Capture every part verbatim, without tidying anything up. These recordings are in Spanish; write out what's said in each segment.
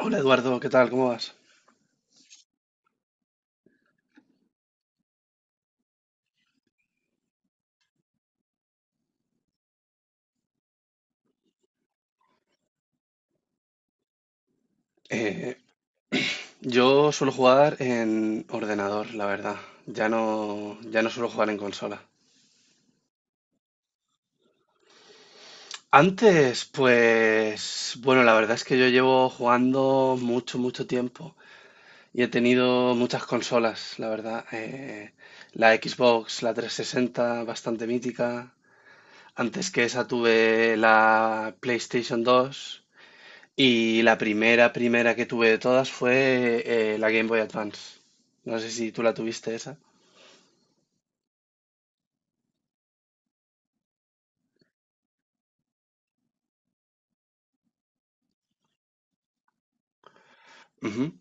Hola Eduardo, ¿qué tal? ¿Cómo vas? Eh, yo suelo jugar en ordenador, la verdad. Ya no, ya no suelo jugar en consola. Antes, pues, bueno, la verdad es que yo llevo jugando mucho, mucho tiempo y he tenido muchas consolas, la verdad. Eh, la Xbox, la tres sesenta, bastante mítica. Antes que esa tuve la PlayStation dos. Y la primera, primera que tuve de todas fue eh, la Game Boy Advance. No sé si tú la tuviste esa. Ujú.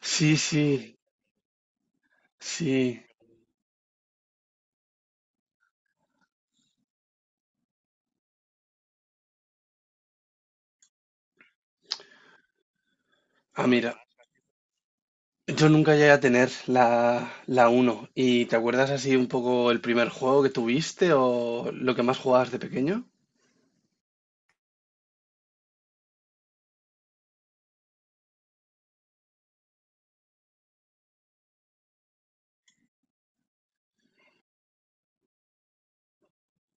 Sí, sí, sí. Ah, mira, yo nunca llegué a tener la, la uno. ¿Y te acuerdas así un poco el primer juego que tuviste o lo que más jugabas de pequeño?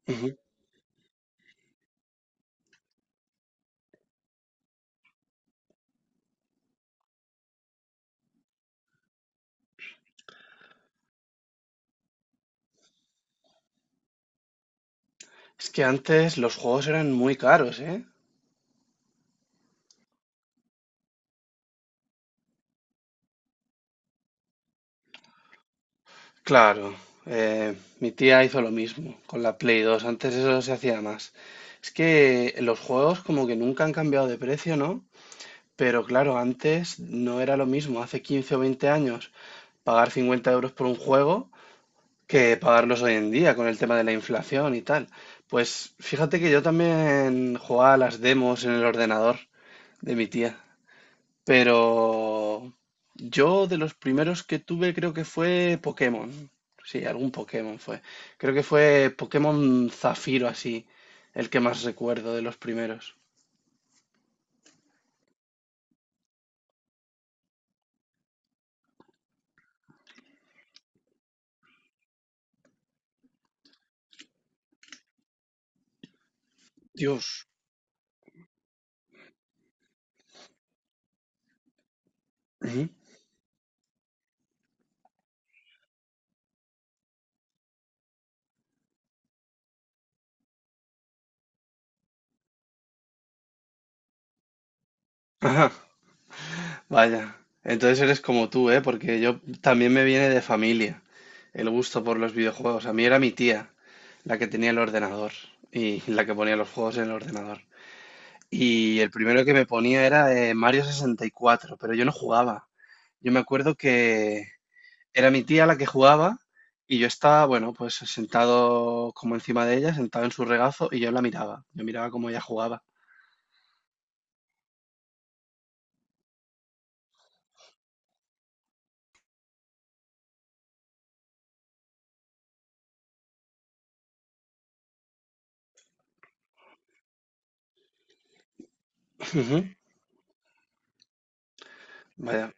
Ujú. Es que antes los juegos eran muy caros, ¿eh? Claro, eh, mi tía hizo lo mismo con la Play dos antes eso se hacía más. Es que los juegos como que nunca han cambiado de precio, ¿no? Pero claro, antes no era lo mismo, hace quince o veinte años, pagar cincuenta euros por un juego que pagarlos hoy en día con el tema de la inflación y tal. Pues fíjate que yo también jugaba a las demos en el ordenador de mi tía, pero yo de los primeros que tuve creo que fue Pokémon. Sí, algún Pokémon fue. Creo que fue Pokémon Zafiro así, el que más recuerdo de los primeros. Dios. Ujú. Ajá. Vaya, entonces eres como tú, ¿eh? Porque yo también me viene de familia el gusto por los videojuegos. A mí era mi tía la que tenía el ordenador y la que ponía los juegos en el ordenador. Y el primero que me ponía era eh, Mario sesenta y cuatro, pero yo no jugaba. Yo me acuerdo que era mi tía la que jugaba y yo estaba, bueno, pues sentado como encima de ella, sentado en su regazo y yo la miraba. Yo miraba cómo ella jugaba. Ujú. Vaya.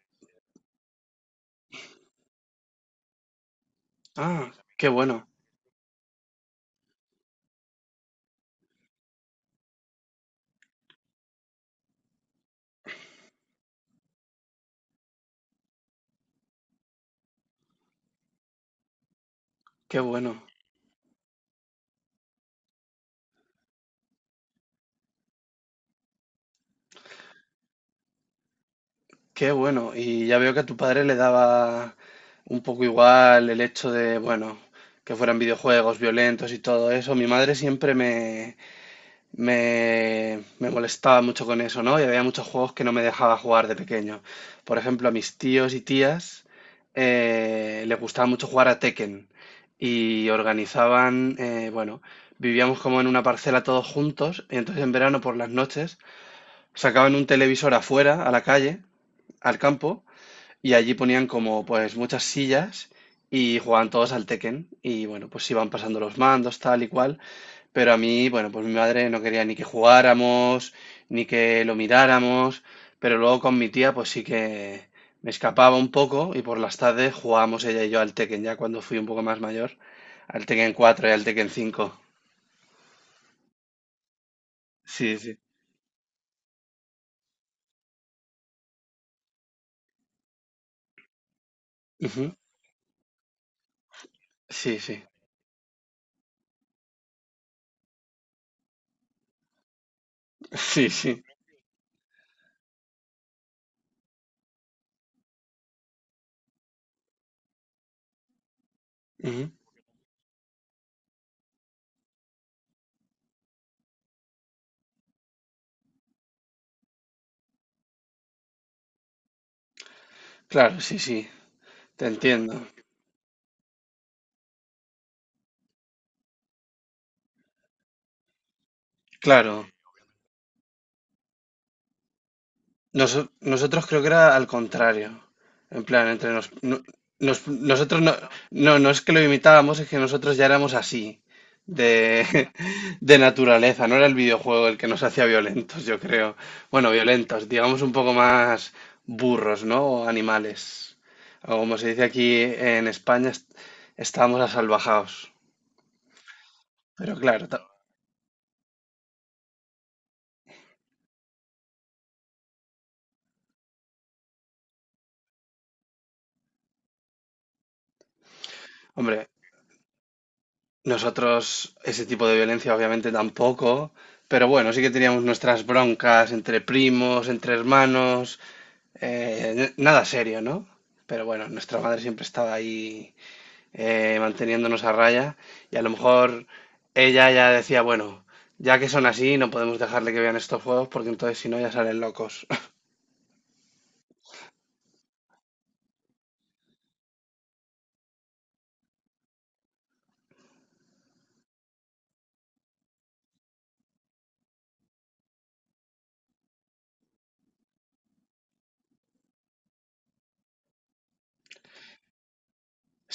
Ah, qué bueno, qué bueno. Qué bueno, y ya veo que a tu padre le daba un poco igual el hecho de, bueno, que fueran videojuegos violentos y todo eso. Mi madre siempre me, me, me molestaba mucho con eso, ¿no? Y había muchos juegos que no me dejaba jugar de pequeño. Por ejemplo, a mis tíos y tías eh, les gustaba mucho jugar a Tekken y organizaban, eh, bueno, vivíamos como en una parcela todos juntos y entonces en verano por las noches sacaban un televisor afuera, a la calle, al campo y allí ponían como pues muchas sillas y jugaban todos al Tekken. Y bueno, pues iban pasando los mandos, tal y cual. Pero a mí, bueno, pues mi madre no quería ni que jugáramos, ni que lo miráramos. Pero luego con mi tía, pues sí que me escapaba un poco y por las tardes jugábamos ella y yo al Tekken, ya cuando fui un poco más mayor, al Tekken cuatro y al Tekken cinco. Sí, sí. Ujú. Sí, sí. Sí, sí. Ujú. Claro, sí, sí. Te entiendo. Claro. Noso- nosotros creo que era al contrario. En plan, entre nos, no- nos- nosotros no, no, no es que lo imitábamos, es que nosotros ya éramos así, de, de naturaleza. No era el videojuego el que nos hacía violentos, yo creo. Bueno, violentos, digamos un poco más burros, ¿no? O animales. O como se dice aquí en España, est- estábamos asalvajados. Pero claro, ta- hombre, nosotros ese tipo de violencia obviamente tampoco, pero bueno, sí que teníamos nuestras broncas entre primos, entre hermanos, eh, n- nada serio, ¿no? Pero bueno, nuestra madre siempre estaba ahí eh, manteniéndonos a raya y a lo mejor ella ya decía, bueno, ya que son así, no podemos dejarle que vean estos juegos porque entonces si no ya salen locos.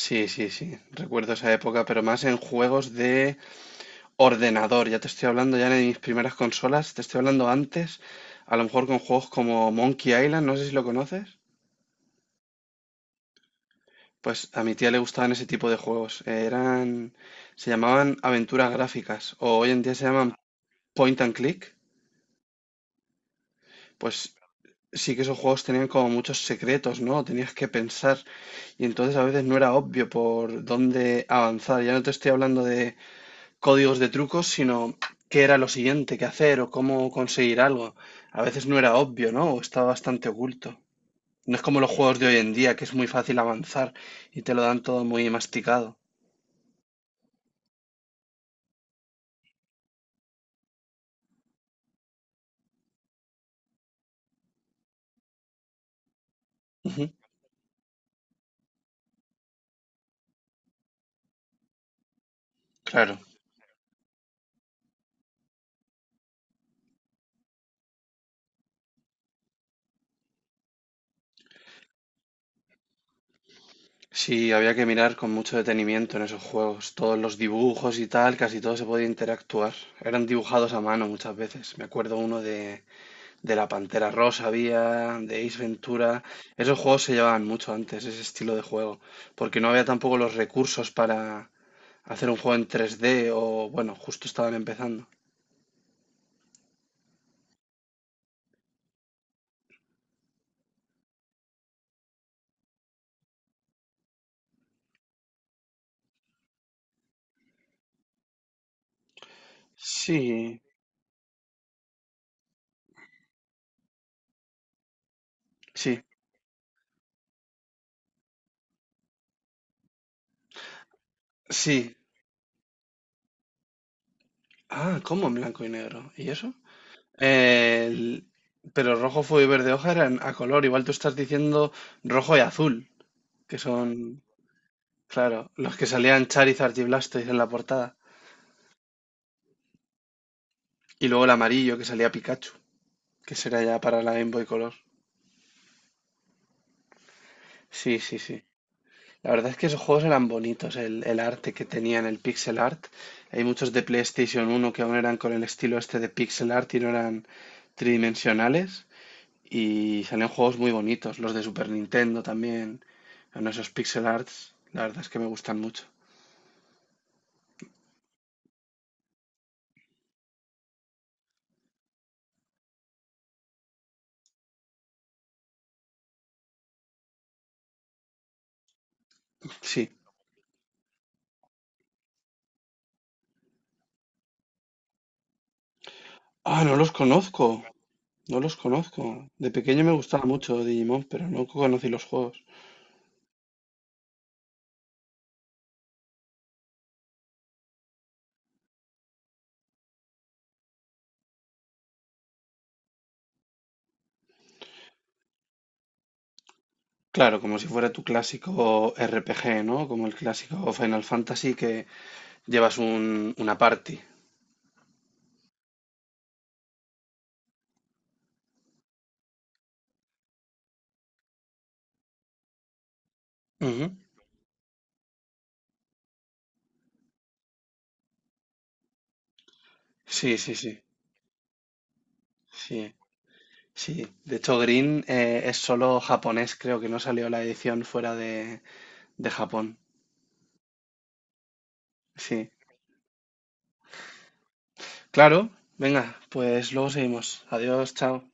Sí, sí, sí, recuerdo esa época, pero más en juegos de ordenador. Ya te estoy hablando ya de mis primeras consolas, te estoy hablando antes, a lo mejor con juegos como Monkey Island, no sé si lo conoces. Pues a mi tía le gustaban ese tipo de juegos, eh, eran, se llamaban aventuras gráficas o hoy en día se llaman point and click. Pues sí que esos juegos tenían como muchos secretos, ¿no? Tenías que pensar y entonces a veces no era obvio por dónde avanzar. Ya no te estoy hablando de códigos de trucos, sino qué era lo siguiente que hacer o cómo conseguir algo. A veces no era obvio, ¿no? O estaba bastante oculto. No es como los juegos de hoy en día, que es muy fácil avanzar y te lo dan todo muy masticado. Ujú. Claro, sí, había que mirar con mucho detenimiento en esos juegos. Todos los dibujos y tal, casi todo se podía interactuar. Eran dibujados a mano muchas veces. Me acuerdo uno de de la Pantera Rosa había, de Ace Ventura. Esos juegos se llevaban mucho antes, ese estilo de juego, porque no había tampoco los recursos para hacer un juego en tres D o, bueno, justo estaban empezando. Sí, sí, sí. Ah, ¿cómo en blanco y negro? ¿Y eso? El- Pero rojo, fuego y verde hoja eran a color. Igual tú estás diciendo rojo y azul, que son, claro, los que salían Charizard y Blastoise en la portada. Y luego el amarillo que salía Pikachu, que será ya para la Game Boy Color. Sí, sí, sí. La verdad es que esos juegos eran bonitos, el, el arte que tenían, el pixel art. Hay muchos de PlayStation uno que aún eran con el estilo este de pixel art y no eran tridimensionales. Y salían juegos muy bonitos, los de Super Nintendo también. Son esos pixel arts, la verdad es que me gustan mucho. Sí. Ah, no los conozco, no los conozco. De pequeño me gustaba mucho Digimon, pero no conocí los juegos. Claro, como si fuera tu clásico R P G, ¿no? Como el clásico Final Fantasy que llevas un, una party. Ujú. Sí, sí, sí, sí, sí. De hecho, Green eh, es solo japonés, creo que no salió la edición fuera de, de Japón. Sí, claro, venga, pues luego seguimos. Adiós, chao.